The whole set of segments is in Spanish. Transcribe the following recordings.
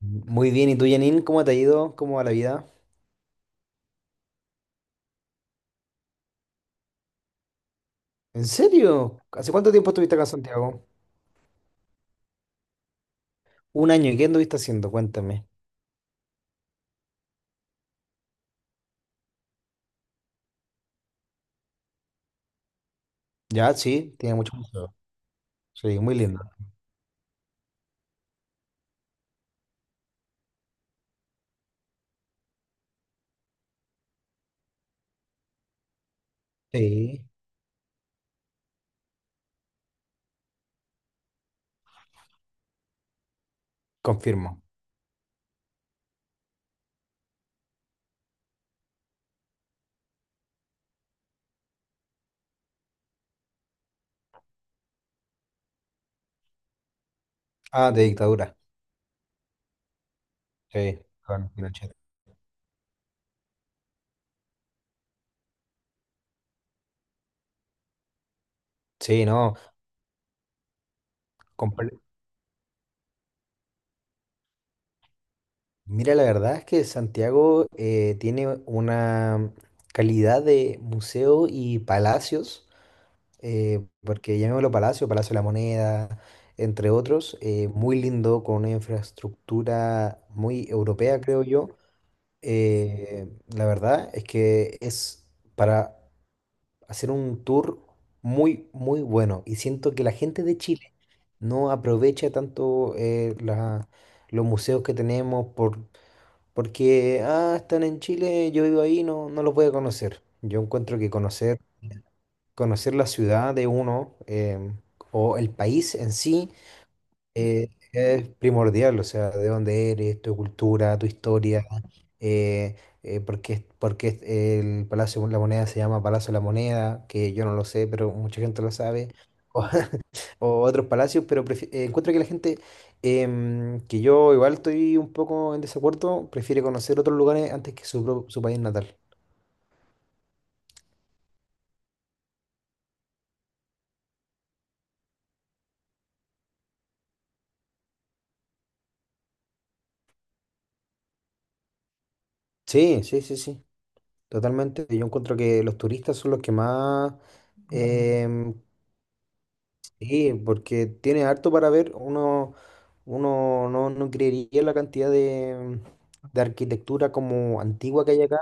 Muy bien, ¿y tú, Janine? ¿Cómo te ha ido? ¿Cómo va la vida? ¿En serio? ¿Hace cuánto tiempo estuviste acá en Santiago? Un año, ¿y qué anduviste haciendo? Cuéntame. Ya, sí, tiene mucho museo. Sí, muy lindo. Sí, confirmo. Ah, de dictadura. Sí, con Pinochet. Sí, no. comple- Mira, la verdad es que Santiago tiene una calidad de museo y palacios. Porque llamémoslo Palacio, Palacio de la Moneda, entre otros, muy lindo, con una infraestructura muy europea, creo yo. Eh, la verdad es que es para hacer un tour muy, muy bueno. Y siento que la gente de Chile no aprovecha tanto los museos que tenemos porque, ah, están en Chile, yo vivo ahí, no, no los voy a conocer. Yo encuentro que conocer la ciudad de uno o el país en sí es primordial, o sea, de dónde eres, tu cultura, tu historia, eh, por qué el Palacio de la Moneda se llama Palacio de la Moneda, que yo no lo sé, pero mucha gente lo sabe, o, o otros palacios, pero encuentro que la gente, que yo igual estoy un poco en desacuerdo, prefiere conocer otros lugares antes que su país natal. Sí, sí, sí, sí. Totalmente. Yo encuentro que los turistas son los que más. Mm. Sí, porque tiene harto para ver. Uno no, no creería la cantidad de arquitectura como antigua que hay acá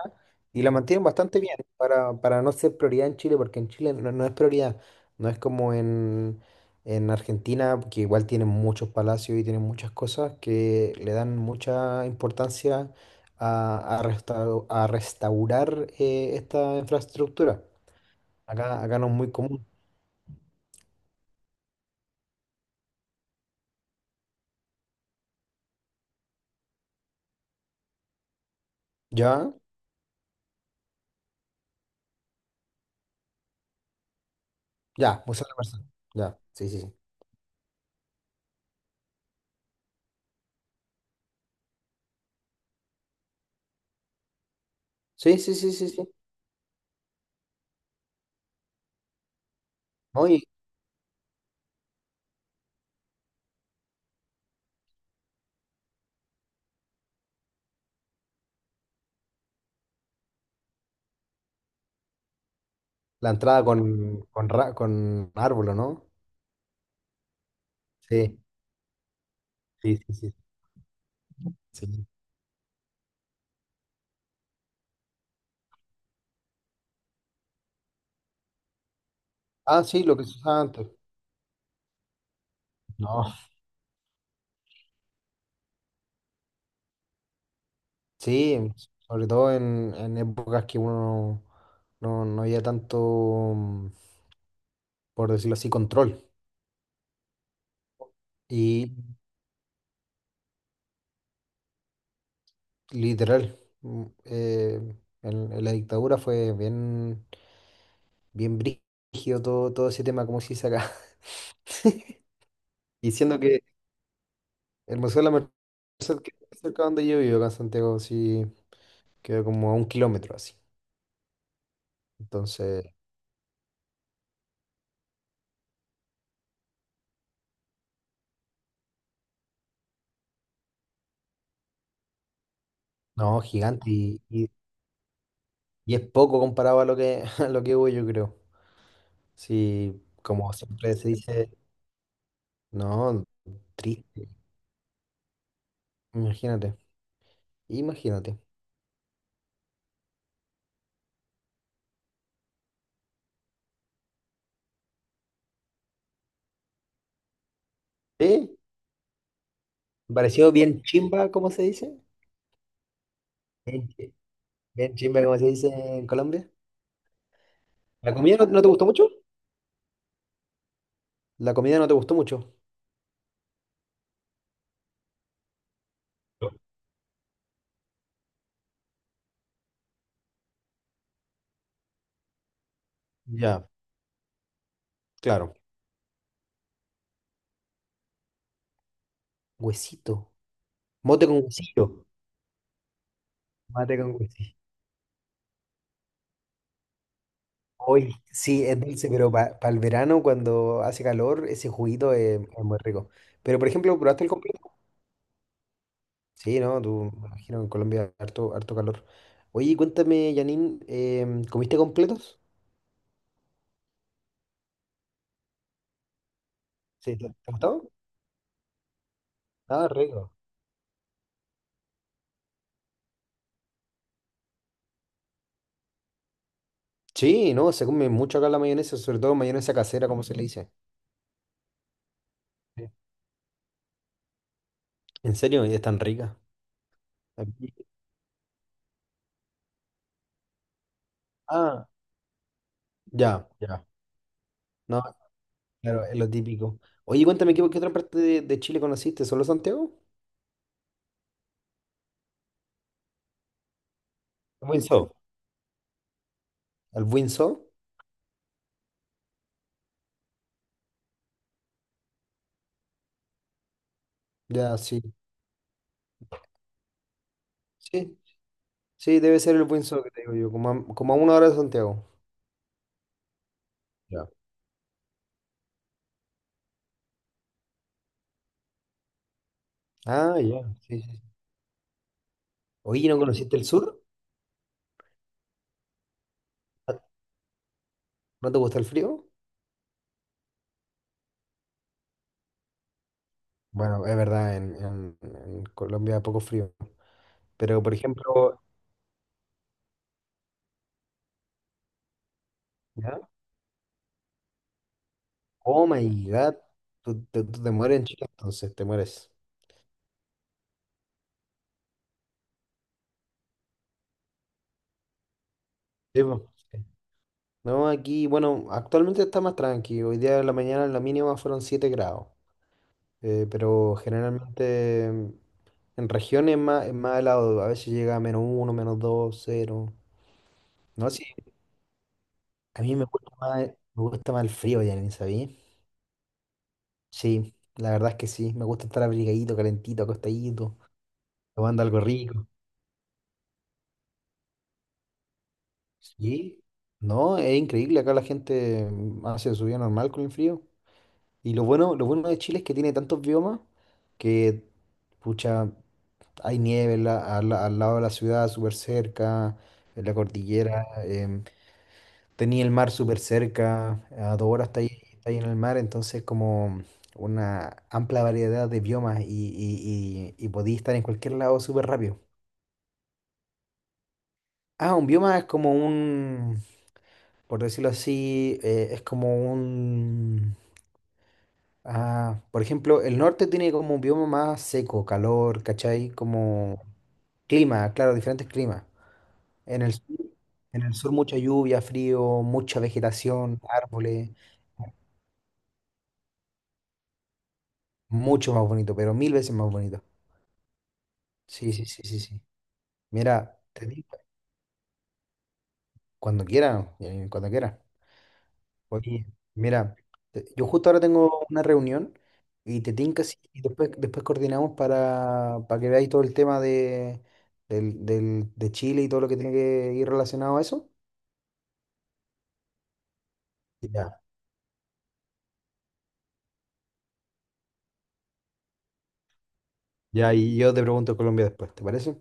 y la mantienen bastante bien para no ser prioridad en Chile, porque en Chile no, no es prioridad. No es como en Argentina, que igual tienen muchos palacios y tienen muchas cosas que le dan mucha importancia a restaurar esta infraestructura. Acá, acá no es muy común. ¿Ya? Ya, Museo de la Persona. Ya, sí, sí, sí. Sí, sí, sí, sí, sí. ¿No? Y la entrada con árbol, ¿o no? Sí, sí, sí, sí, sí. Ah, sí, lo que se usaba antes. No. Sí, sobre todo en épocas que uno no, no había tanto, mm, por decirlo así, control. Y literal, en la dictadura fue bien, bien brígido todo, todo ese tema, como se dice acá. Y siendo que el Museo de la sea, que cerca donde yo vivo, acá en Santiago, sí, queda como a un kilómetro así. Entonces, no, gigante y es poco comparado a lo que, a lo que voy, yo creo. Sí, como siempre se dice, no, triste, imagínate, imagínate. ¿Sí? ¿Pareció bien chimba, como se dice? Bien, chi- bien chimba, como se dice en Colombia. ¿La comida no, no te gustó mucho? La comida no te gustó mucho. No. Ya, claro. Huesito. Mote con huesito. Mate con huesito. Hoy sí, es dulce, pero para el verano cuando hace calor, ese juguito es muy rico. Pero por ejemplo, ¿probaste el completo? Sí, ¿no? Tú, me imagino que en Colombia harto, harto calor. Oye, cuéntame, Janine, ¿comiste completos? Sí, te gustó? Ah, rico. Sí, no, se come mucho acá la mayonesa, sobre todo mayonesa casera, como se le dice. Sí. ¿En serio? ¿Y es tan rica? Aquí- Ah, ya, ya. No, claro, es lo típico. Oye, cuéntame, qué otra parte de Chile conociste? ¿Solo Santiago? Windsor. ¿El Windsor? Ya, sí. Sí, sí, debe ser el buen que te digo yo, como a una hora de Santiago. Ya. Ah, ya, sí, sí. Sí. Oye, ¿no conociste el sur? ¿No te gusta el frío? Bueno, es verdad, en Colombia poco frío. Pero, por ejemplo, ¿ya? Oh my God, tú te mueres en Chile, entonces te mueres. Sí, po. Sí. No, aquí, bueno, actualmente está más tranquilo. Hoy día de la mañana la mínima fueron 7 grados. Pero generalmente en regiones es más helado, a veces llega a -1, -2, 0. No, sí, a mí me gusta más el frío, ya ni sabía. Sí, la verdad es que sí, me gusta estar abrigadito, calentito, acostadito, tomando algo rico. Sí, no, es increíble, acá la gente hace su vida normal con el frío. Y lo bueno de Chile es que tiene tantos biomas que, pucha, hay nieve al lado de la ciudad, súper cerca, en la cordillera. Tenía el mar súper cerca, a 2 horas está ahí en el mar, entonces como una amplia variedad de biomas y podía estar en cualquier lado súper rápido. Ah, un bioma es como un, por decirlo así, es como un... Ah, por ejemplo, el norte tiene como un bioma más seco, calor, ¿cachai? Como clima, claro, diferentes climas. En el sur, en el sur mucha lluvia, frío, mucha vegetación, árboles, mucho más bonito, pero mil veces más bonito. Sí, sí, sí, sí, sí. Mira, te digo, cuando quieran. Oye, mira, yo justo ahora tengo una reunión y te tinca si y después coordinamos para que veáis todo el tema de Chile y todo lo que tiene que ir relacionado a eso. Ya, ya, y yo te pregunto Colombia después, ¿te parece?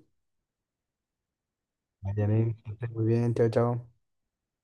Vale, Janine, que estés muy bien, chao, chao.